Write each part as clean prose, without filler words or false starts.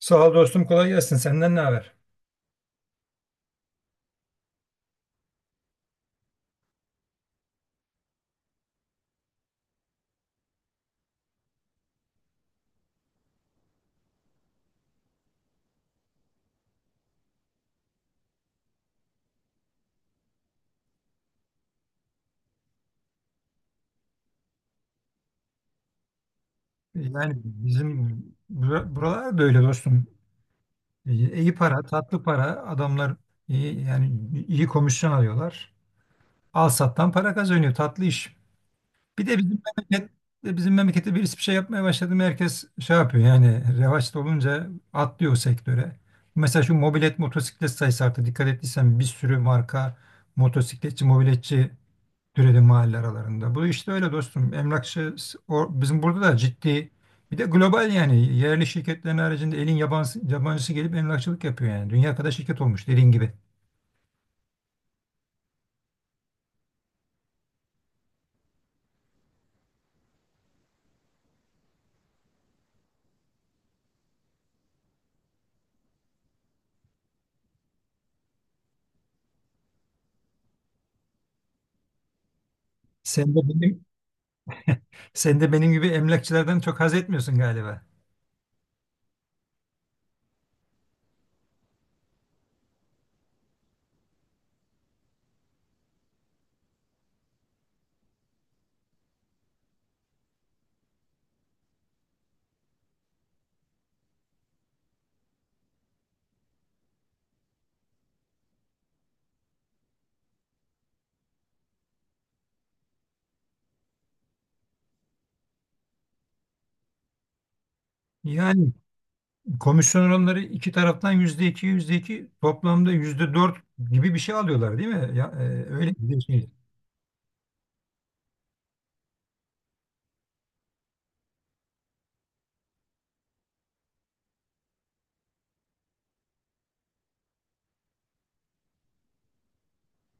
Sağ ol dostum, kolay gelsin. Senden ne haber? Yani buralar da öyle dostum. İyi iyi para, tatlı para. Adamlar iyi, yani iyi komisyon alıyorlar. Al sattan para kazanıyor. Tatlı iş. Bir de bizim memleket, Bizim memlekette birisi bir şey yapmaya başladı mı herkes şey yapıyor. Yani revaçta olunca atlıyor o sektöre. Mesela şu mobilet motosiklet sayısı arttı. Dikkat ettiysen bir sürü marka motosikletçi, mobiletçi türedi mahalle aralarında. Bu işte öyle dostum. Emlakçı o, bizim burada da ciddi bir de global, yani yerli şirketlerin haricinde elin yabancısı gelip emlakçılık yapıyor yani. Dünya kadar şirket olmuş dediğin gibi. Sen de benim, Sen de benim gibi emlakçılardan çok haz etmiyorsun galiba. Yani komisyon oranları iki taraftan %2, yüzde iki, toplamda %4 gibi bir şey alıyorlar değil mi? Ya, öyle bir şey.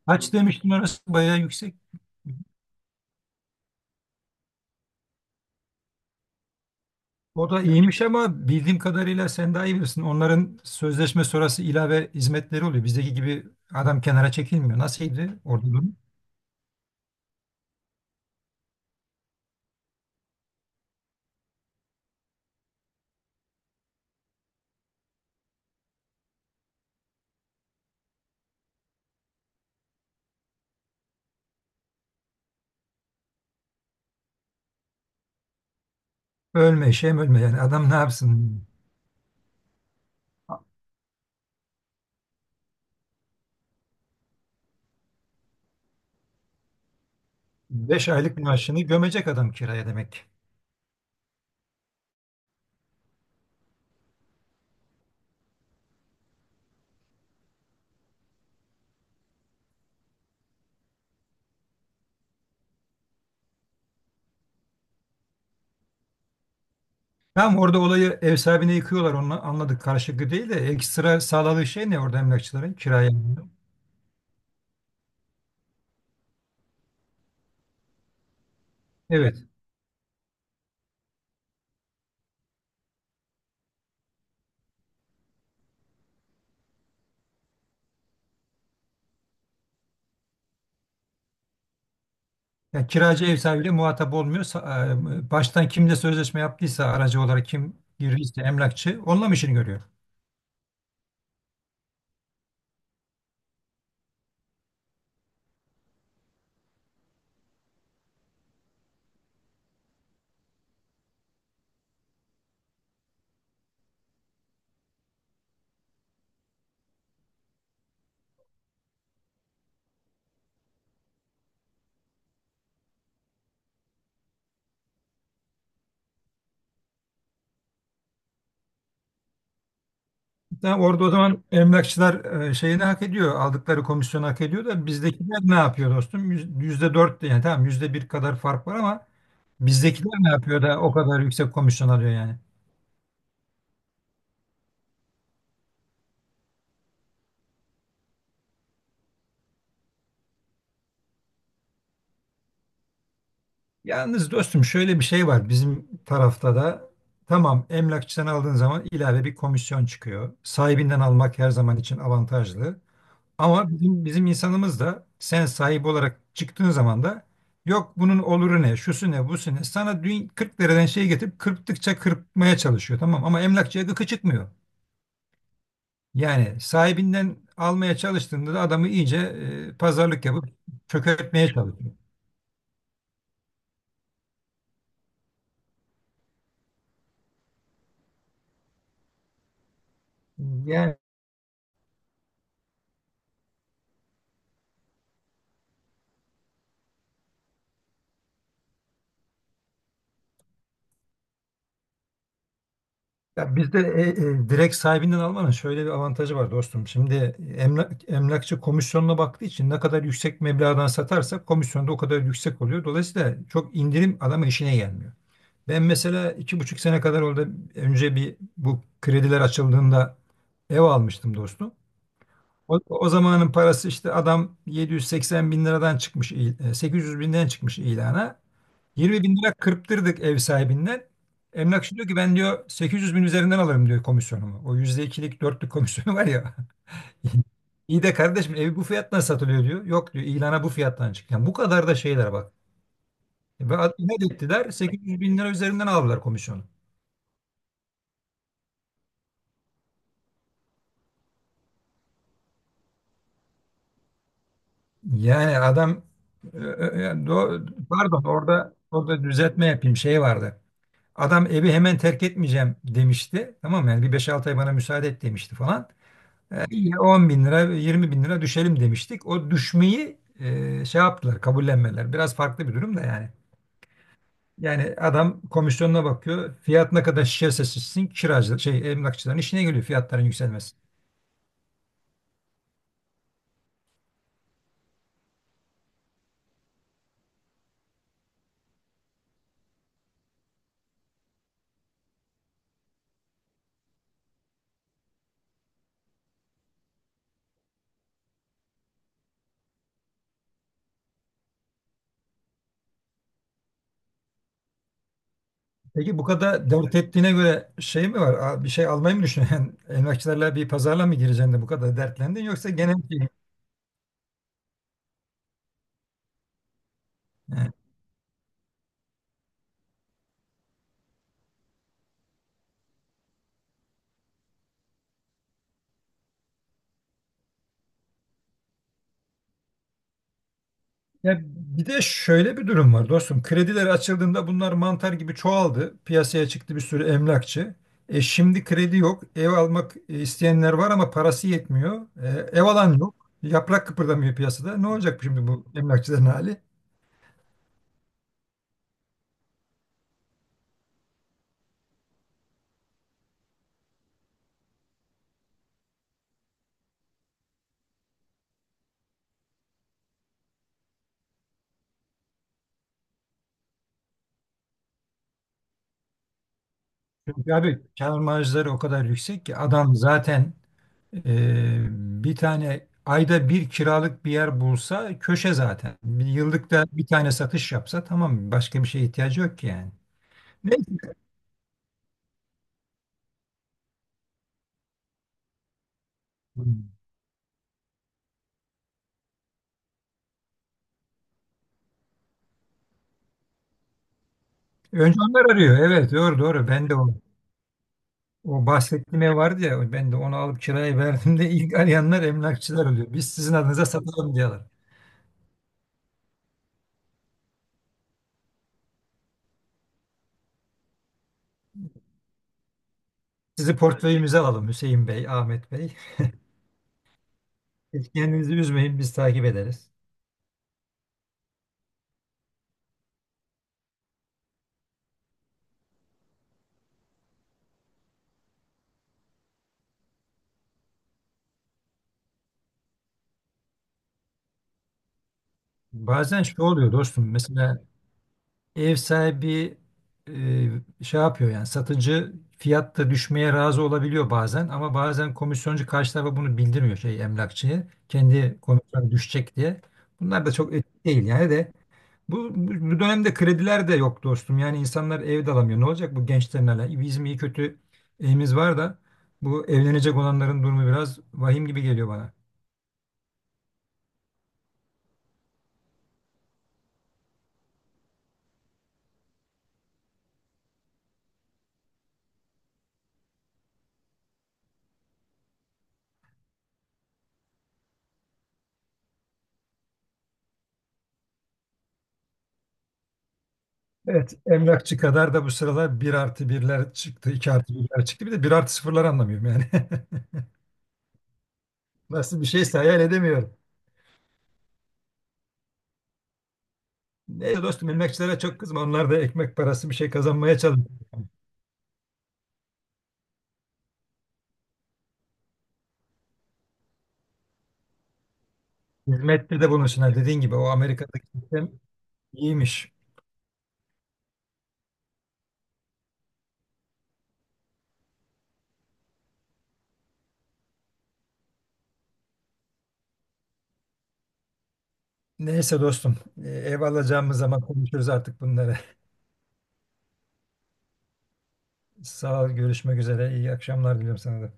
Kaç demiştin, orası bayağı yüksek. O da iyiymiş ama bildiğim kadarıyla sen daha iyi bilirsin. Onların sözleşme sonrası ilave hizmetleri oluyor. Bizdeki gibi adam kenara çekilmiyor. Nasılydı orada durum? Ölme, şey mi, ölme yani adam ne yapsın? 5 aylık maaşını gömecek adam kiraya demek. Tamam, orada olayı ev sahibine yıkıyorlar onu anladık, karşılıklı değil de ekstra sağladığı şey ne orada emlakçıların kiraya? Evet. Yani kiracı ev sahibiyle muhatap olmuyor. Baştan kimle sözleşme yaptıysa, aracı olarak kim girdiyse emlakçı onunla mı işini görüyor? Tamam, orada o zaman emlakçılar şeyini hak ediyor. Aldıkları komisyonu hak ediyor da bizdekiler ne yapıyor dostum? Yüzde dört de yani tamam, %1 kadar fark var ama bizdekiler ne yapıyor da o kadar yüksek komisyon alıyor yani. Yalnız dostum şöyle bir şey var bizim tarafta da, tamam emlakçıdan aldığın zaman ilave bir komisyon çıkıyor. Sahibinden almak her zaman için avantajlı. Ama bizim insanımız da sen sahip olarak çıktığın zaman da yok bunun oluru ne, şusu ne, busu ne. Sana dün 40 liradan şey getirip kırptıkça kırpmaya çalışıyor, tamam ama emlakçıya gıkı çıkmıyor. Yani sahibinden almaya çalıştığında da adamı iyice pazarlık yapıp çökertmeye çalışıyor. Yani ya bizde direkt sahibinden almanın şöyle bir avantajı var dostum. Şimdi emlakçı komisyonuna baktığı için ne kadar yüksek meblağdan satarsak komisyon da o kadar yüksek oluyor. Dolayısıyla çok indirim adamın işine gelmiyor. Ben mesela 2,5 sene kadar orada önce bir bu krediler açıldığında ev almıştım dostum. O zamanın parası, işte adam 780 bin liradan çıkmış, 800 binden çıkmış ilana. 20 bin lira kırptırdık ev sahibinden. Emlakçı diyor ki ben diyor 800 bin üzerinden alırım diyor komisyonumu. O yüzde ikilik 4'lük komisyonu var ya. İyi de kardeşim evi bu fiyattan satılıyor diyor. Yok diyor, ilana bu fiyattan çık. Yani bu kadar da şeyler bak. Ve ne ettiler? 800 bin lira üzerinden aldılar komisyonu. Yani adam yani pardon orada düzeltme yapayım, şey vardı. Adam evi hemen terk etmeyeceğim demişti. Tamam mı? Yani bir beş altı ay bana müsaade et demişti falan. İyi, 10 bin lira, 20 bin lira düşelim demiştik. O düşmeyi şey yaptılar, kabullenmeler. Biraz farklı bir durum da yani. Yani adam komisyonuna bakıyor. Fiyat ne kadar şişerse şişsin kiracı, şey, emlakçıların işine geliyor fiyatların yükselmesi. Peki bu kadar dert ettiğine göre şey mi var? Bir şey almayı mı düşünüyorsun? Emlakçılarla bir pazarla mı gireceksin de bu kadar dertlendin yoksa genel şey mi? Ya bir de şöyle bir durum var dostum. Krediler açıldığında bunlar mantar gibi çoğaldı. Piyasaya çıktı bir sürü emlakçı. E şimdi kredi yok. Ev almak isteyenler var ama parası yetmiyor. E, ev alan yok. Yaprak kıpırdamıyor piyasada. Ne olacak şimdi bu emlakçıların hali? Çünkü abi kâr marjları o kadar yüksek ki adam zaten e, bir tane ayda bir kiralık bir yer bulsa köşe zaten. Bir yıllıkta bir tane satış yapsa tamam, başka bir şeye ihtiyacı yok ki yani. Neyse. Önce onlar arıyor. Evet, doğru doğru. Ben de o bahsettiğim ev vardı ya, ben de onu alıp kiraya verdiğimde ilk arayanlar emlakçılar oluyor. Biz sizin adınıza satalım diyorlar. Sizi portföyümüze alalım Hüseyin Bey, Ahmet Bey. Hiç kendinizi üzmeyin biz takip ederiz. Bazen şu oluyor dostum, mesela ev sahibi şey yapıyor yani satıcı fiyatta düşmeye razı olabiliyor bazen ama bazen komisyoncu karşı tarafa bunu bildirmiyor, şey emlakçıya. Kendi komisyon düşecek diye. Bunlar da çok etik değil yani de bu dönemde krediler de yok dostum. Yani insanlar ev de alamıyor. Ne olacak bu gençlerin hala? Bizim iyi kötü evimiz var da bu evlenecek olanların durumu biraz vahim gibi geliyor bana. Evet, emlakçı kadar da bu sıralar bir artı birler çıktı, 2 artı birler çıktı. Bir de bir artı sıfırlar, anlamıyorum yani. Nasıl bir şeyse hayal edemiyorum. Neyse dostum, emekçilere çok kızma. Onlar da ekmek parası bir şey kazanmaya çalışıyor. Hizmette de bulunsunlar. Dediğin gibi o Amerika'daki sistem iyiymiş. Neyse dostum, ev alacağımız zaman konuşuruz artık bunları. Sağ ol, görüşmek üzere. İyi akşamlar diliyorum sana da.